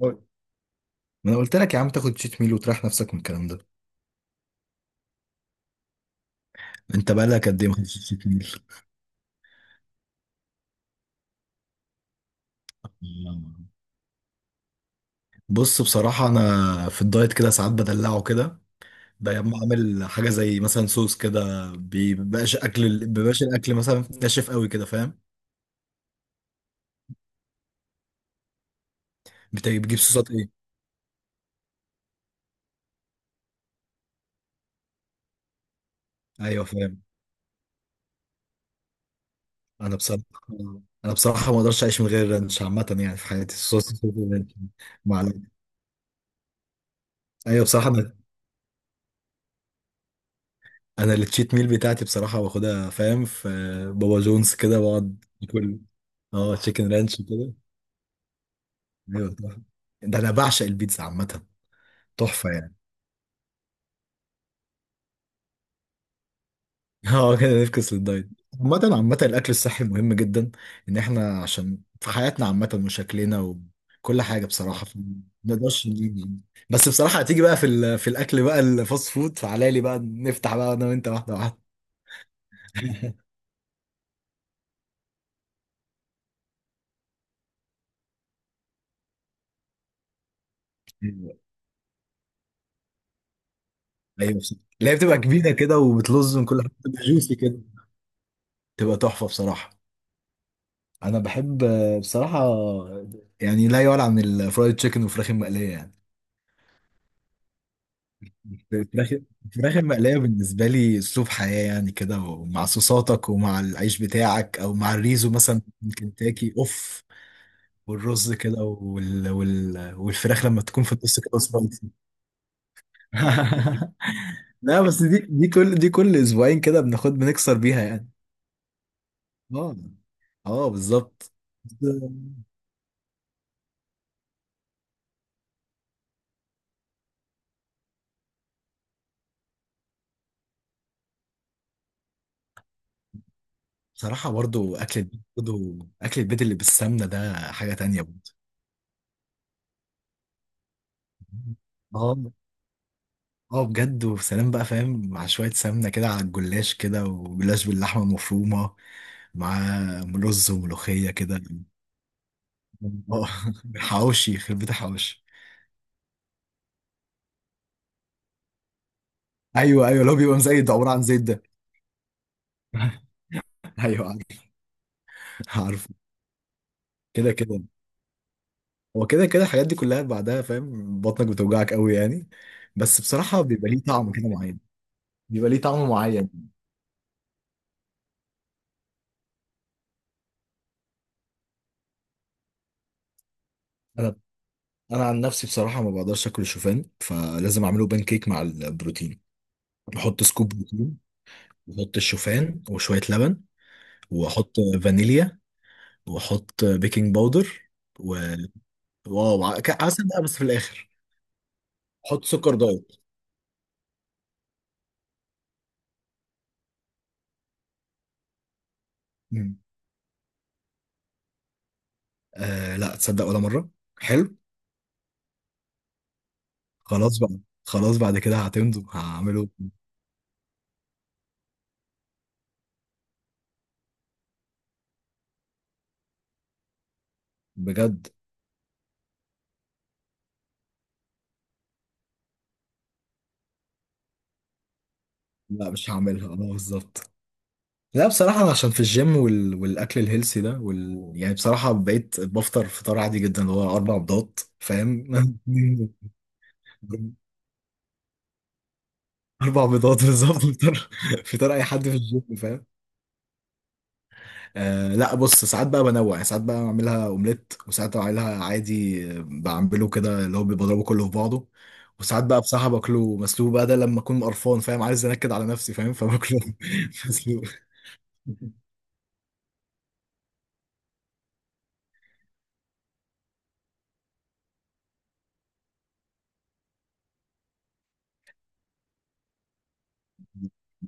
ما انا قلت لك يا عم تاخد شيت ميل وتريح نفسك من الكلام ده. انت بقالك قد ايه ما خدتش شيت ميل؟ بص، بصراحة انا في الدايت كده ساعات بدلعه كده. بقوم عامل حاجة زي مثلا صوص كده، بيبقاش الاكل مثلا ناشف قوي كده، فاهم. بتجيب صوصات ايه؟ ايوه فاهم. انا بصراحة انا بصراحة ما اقدرش اعيش من غير رانش عامة، يعني في حياتي صوص الرانش. معلش. ايوه بصراحة، انا التشيت ميل بتاعتي بصراحه باخدها، فاهم، في بابا جونز كده بقعد اكل. اه تشيكن رانش كده. ايوه طبعا. ده انا بعشق البيتزا عامه. تحفه يعني. اه كده نفكس للدايت. عامة الأكل الصحي مهم جدا. إن إحنا عشان في حياتنا عامة وشكلنا وكل حاجة بصراحة، ما نقدرش نيجي. بس بصراحة هتيجي بقى في الأكل بقى، الفاست فود، فعلى لي بقى نفتح بقى أنا وأنت واحدة واحدة. أيوه أيوه، بصراحة اللي هي بتبقى كبيرة كده وبتلز من كل حاجة بتبقى جوسي كده، تبقى تحفة بصراحة. أنا بحب بصراحة يعني لا يعلى عن الفرايد تشيكن والفراخ المقلية يعني. الفراخ الفراخ المقلية بالنسبة لي أسلوب حياة يعني، كده ومع صوصاتك ومع العيش بتاعك أو مع الريزو مثلا من كنتاكي أوف. والرز كده، والفراخ لما تكون في النص كده سبايسي. لا، بس دي كل أسبوعين كده بناخد، بنكسر بيها يعني. اه اه بالظبط. بصراحة برضو أكل البيت، اللي بالسمنة ده حاجة تانية برضو. اه اه بجد. وسلام بقى فاهم، مع شوية سمنة كده على الجلاش كده، وجلاش باللحمة المفرومة مع رز وملوخية كده. اه. حواوشي يخرب بيت الحواوشي. أيوه أيوه، لو بيبقى مزيت عبارة عن زيت ده. أيوه عارف، عارف. كده كده، هو كده كده الحاجات دي كلها بعدها، فاهم، بطنك بتوجعك قوي يعني. بس بصراحة بيبقى ليه طعم كده معين، بيبقى ليه طعم معين. انا عن نفسي بصراحه ما بقدرش اكل الشوفان، فلازم اعمله بان كيك مع البروتين. بحط سكوب بروتين، بحط الشوفان وشويه لبن، واحط فانيليا، واحط بيكنج باودر، و واو ع- ك- عسل بقى بس في الاخر. احط سكر دايت. مم. آه لا، تصدق ولا مره. حلو. خلاص بقى، خلاص بعد كده هتمضوا هعمله بجد. لا مش هعملها، اه بالظبط. لا بصراحة، أنا عشان في الجيم والأكل الهيلسي ده يعني بصراحة بقيت بفطر فطار عادي جدا، اللي هو أربع بيضات فاهم. أربع بيضات بالظبط، فطار، فطار أي حد في الجيم فاهم. آه لا، بص، ساعات بقى بنوع يعني، ساعات بقى بعملها أومليت، وساعات بعملها عادي، بعمله كده اللي هو بضربه كله في بعضه. وساعات بقى بصراحة باكله مسلوق بقى، ده لما أكون قرفان فاهم، عايز أنكد على نفسي فاهم، فباكله. مسلوق.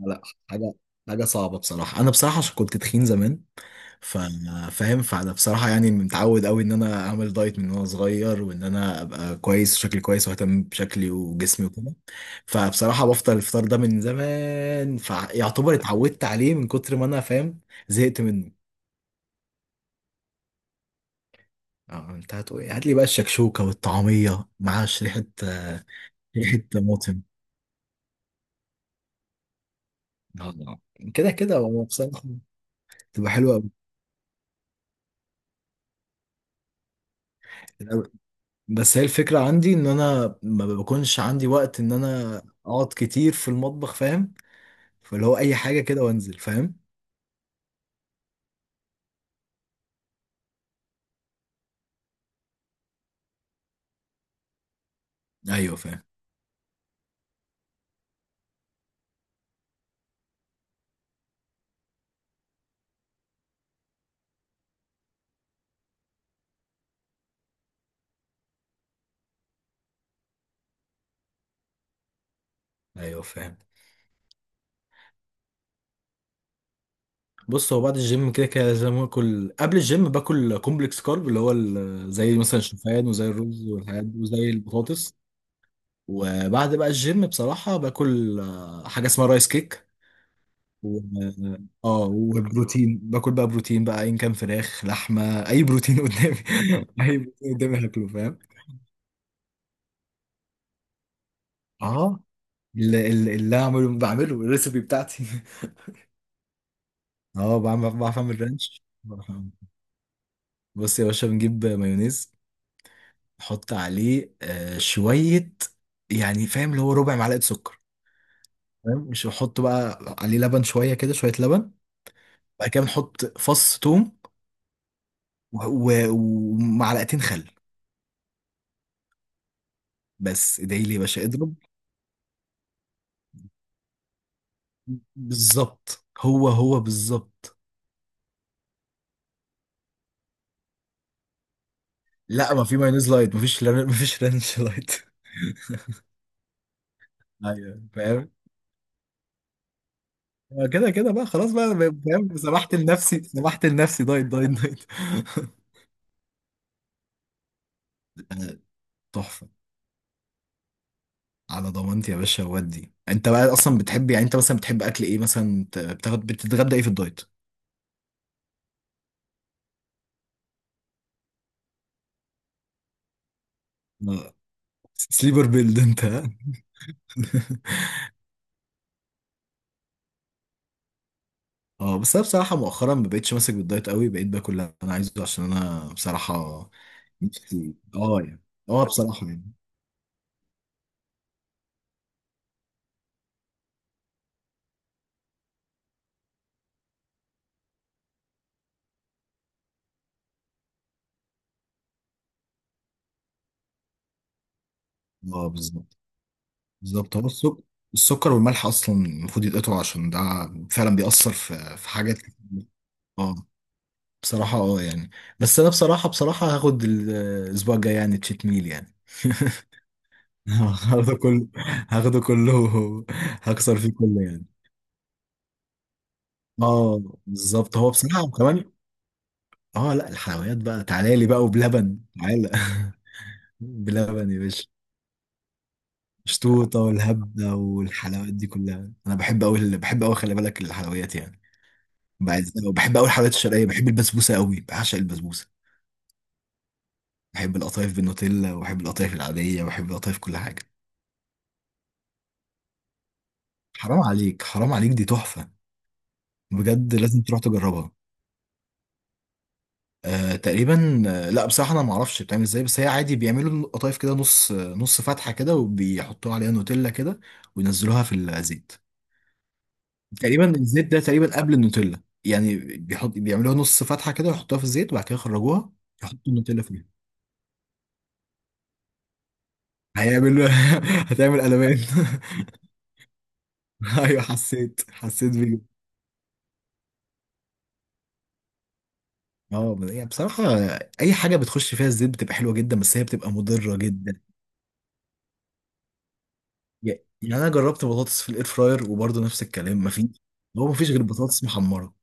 لا. حاجه حاجه صعبه بصراحه. انا بصراحه عشان كنت تخين زمان، ف- فاهم. فانا بصراحه يعني متعود قوي ان انا اعمل دايت من وانا صغير، وان انا ابقى كويس، شكلي كويس، واهتم بشكلي وجسمي وكده. فبصراحه بفطر الفطار ده من زمان، فيعتبر اتعودت عليه من كتر ما انا فاهم، زهقت منه. اه، انت هتقول إيه؟ هات لي بقى الشكشوكه والطعميه مع ريحه، ريحه طماطم. آه، كده كده هو بصراحه تبقى حلوه قوي. بس هي الفكرة عندي ان انا ما بكونش عندي وقت ان انا اقعد كتير في المطبخ فاهم، فاللي هو اي حاجة كده وانزل فاهم. ايوه فاهم. ايوه فاهم. بص، هو بعد الجيم كده كده لازم اكل. قبل الجيم باكل كومبلكس كارب، اللي هو زي مثلا الشوفان وزي الرز والحاجات دي وزي البطاطس. وبعد بقى الجيم بصراحة باكل حاجة اسمها رايس كيك. و... اه، وبروتين، باكل بقى بروتين بقى، ان كان فراخ، لحمة، اي بروتين قدامي. اي بروتين قدامي هاكله فاهم. اه. اللي أنا بعمله الريسبي بتاعتي. اه، بعرف اعمل رانش، بص يا باشا، بنجيب مايونيز، نحط عليه شوية يعني، فاهم اللي هو ربع معلقة سكر فاهم. مش نحط بقى عليه لبن، شوية كده، شوية لبن. بعد كده بنحط فص توم، ومعلقتين خل بس. ادعي لي يا باشا، اضرب. بالظبط، هو هو بالظبط. لا، ما في مايونيز لايت، ما فيش لر- ما فيش رانش لايت. ايوه فاهم. كده كده بقى، خلاص بقى، فاهم، سمحت لنفسي دايت دايت دايت. آه، تحفة. على ضمانتي يا باشا. ودي انت بقى اصلا بتحب يعني، انت مثلا بتحب اكل ايه مثلا، بت- بتاخد بتتغدى ايه في الدايت؟ آه، سليبر بيلد انت ها؟ اه. بس انا بصراحة مؤخرا ما بقتش ماسك بالدايت قوي، بقيت باكل اللي انا عايزه، عشان انا بصراحة نفسي اه يعني. اه بصراحة يعني. اه بالظبط. بالظبط، هو السكر، السكر والملح اصلا المفروض يتقطعوا، عشان ده فعلا بيأثر في حاجات كتير. اه بصراحة اه يعني. بس انا بصراحة هاخد الاسبوع الجاي يعني تشيت ميل يعني. هاخده كله، هاخده كله. هكسر فيه كله يعني. اه بالظبط هو بصراحة. وكمان اه لا، الحلويات بقى تعالى لي بقى وبلبن، تعالى. بلبن يا باشا. شطوطة والهبدة والحلويات دي كلها انا بحب قوي، بحب قوي، خلي بالك، الحلويات يعني. بحب قوي الحلويات الشرقية، بحب البسبوسة قوي، بعشق البسبوسة. بحب القطايف بالنوتيلا، وبحب القطايف العادية، وبحب القطايف، كل حاجة. حرام عليك، حرام عليك، دي تحفة. بجد لازم تروح تجربها. آه تقريبا، لا بصراحة انا ما اعرفش بتعمل ازاي. بس هي عادي، بيعملوا القطايف كده نص نص فتحة كده، وبيحطوها عليها نوتيلا كده، وينزلوها في الزيت. تقريبا الزيت ده تقريبا قبل النوتيلا يعني، بيعملوها نص فتحة كده، ويحطوها في الزيت، وبعد كده يخرجوها، يحطوا النوتيلا فيها. هيعمل هتعمل قلبان. ايوه حسيت، حسيت بيه. اه يعني بصراحة، أي حاجة بتخش فيها الزيت بتبقى حلوة جدا، بس هي بتبقى مضرة جدا يعني. انا جربت بطاطس في الاير فراير وبرضه نفس الكلام، مفيش. هو مفيش غير بطاطس محمره.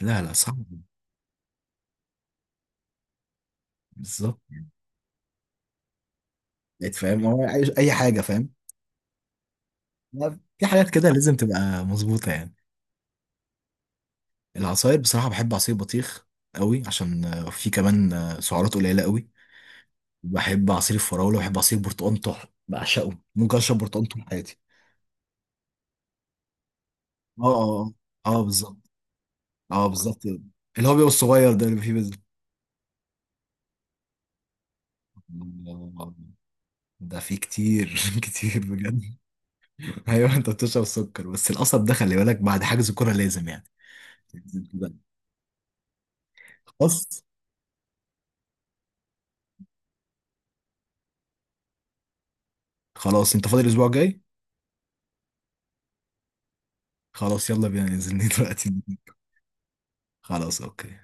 لا لا، صعب. بالظبط يعني، بقيت فاهم هو عايز اي حاجه فاهم. لا، في حاجات كده لازم تبقى مظبوطه يعني. العصاير بصراحه بحب عصير بطيخ قوي، عشان في كمان سعرات قليله قوي. بحب عصير الفراوله، بحب عصير برتقال طحن بعشقه، ممكن اشرب برتقال طول حياتي. اه اه اه، بالظبط. اه بالظبط، اللي هو بيبقى الصغير ده اللي فيه ده فيه كتير. كتير بجد. ايوه انت بتشرب سكر، بس القصب ده خلي بالك، بعد حجز كرة لازم يعني. لازم خلاص. خلاص انت فاضي الاسبوع الجاي؟ خلاص يلا بينا ننزل، دلوقتي. خلاص اوكي.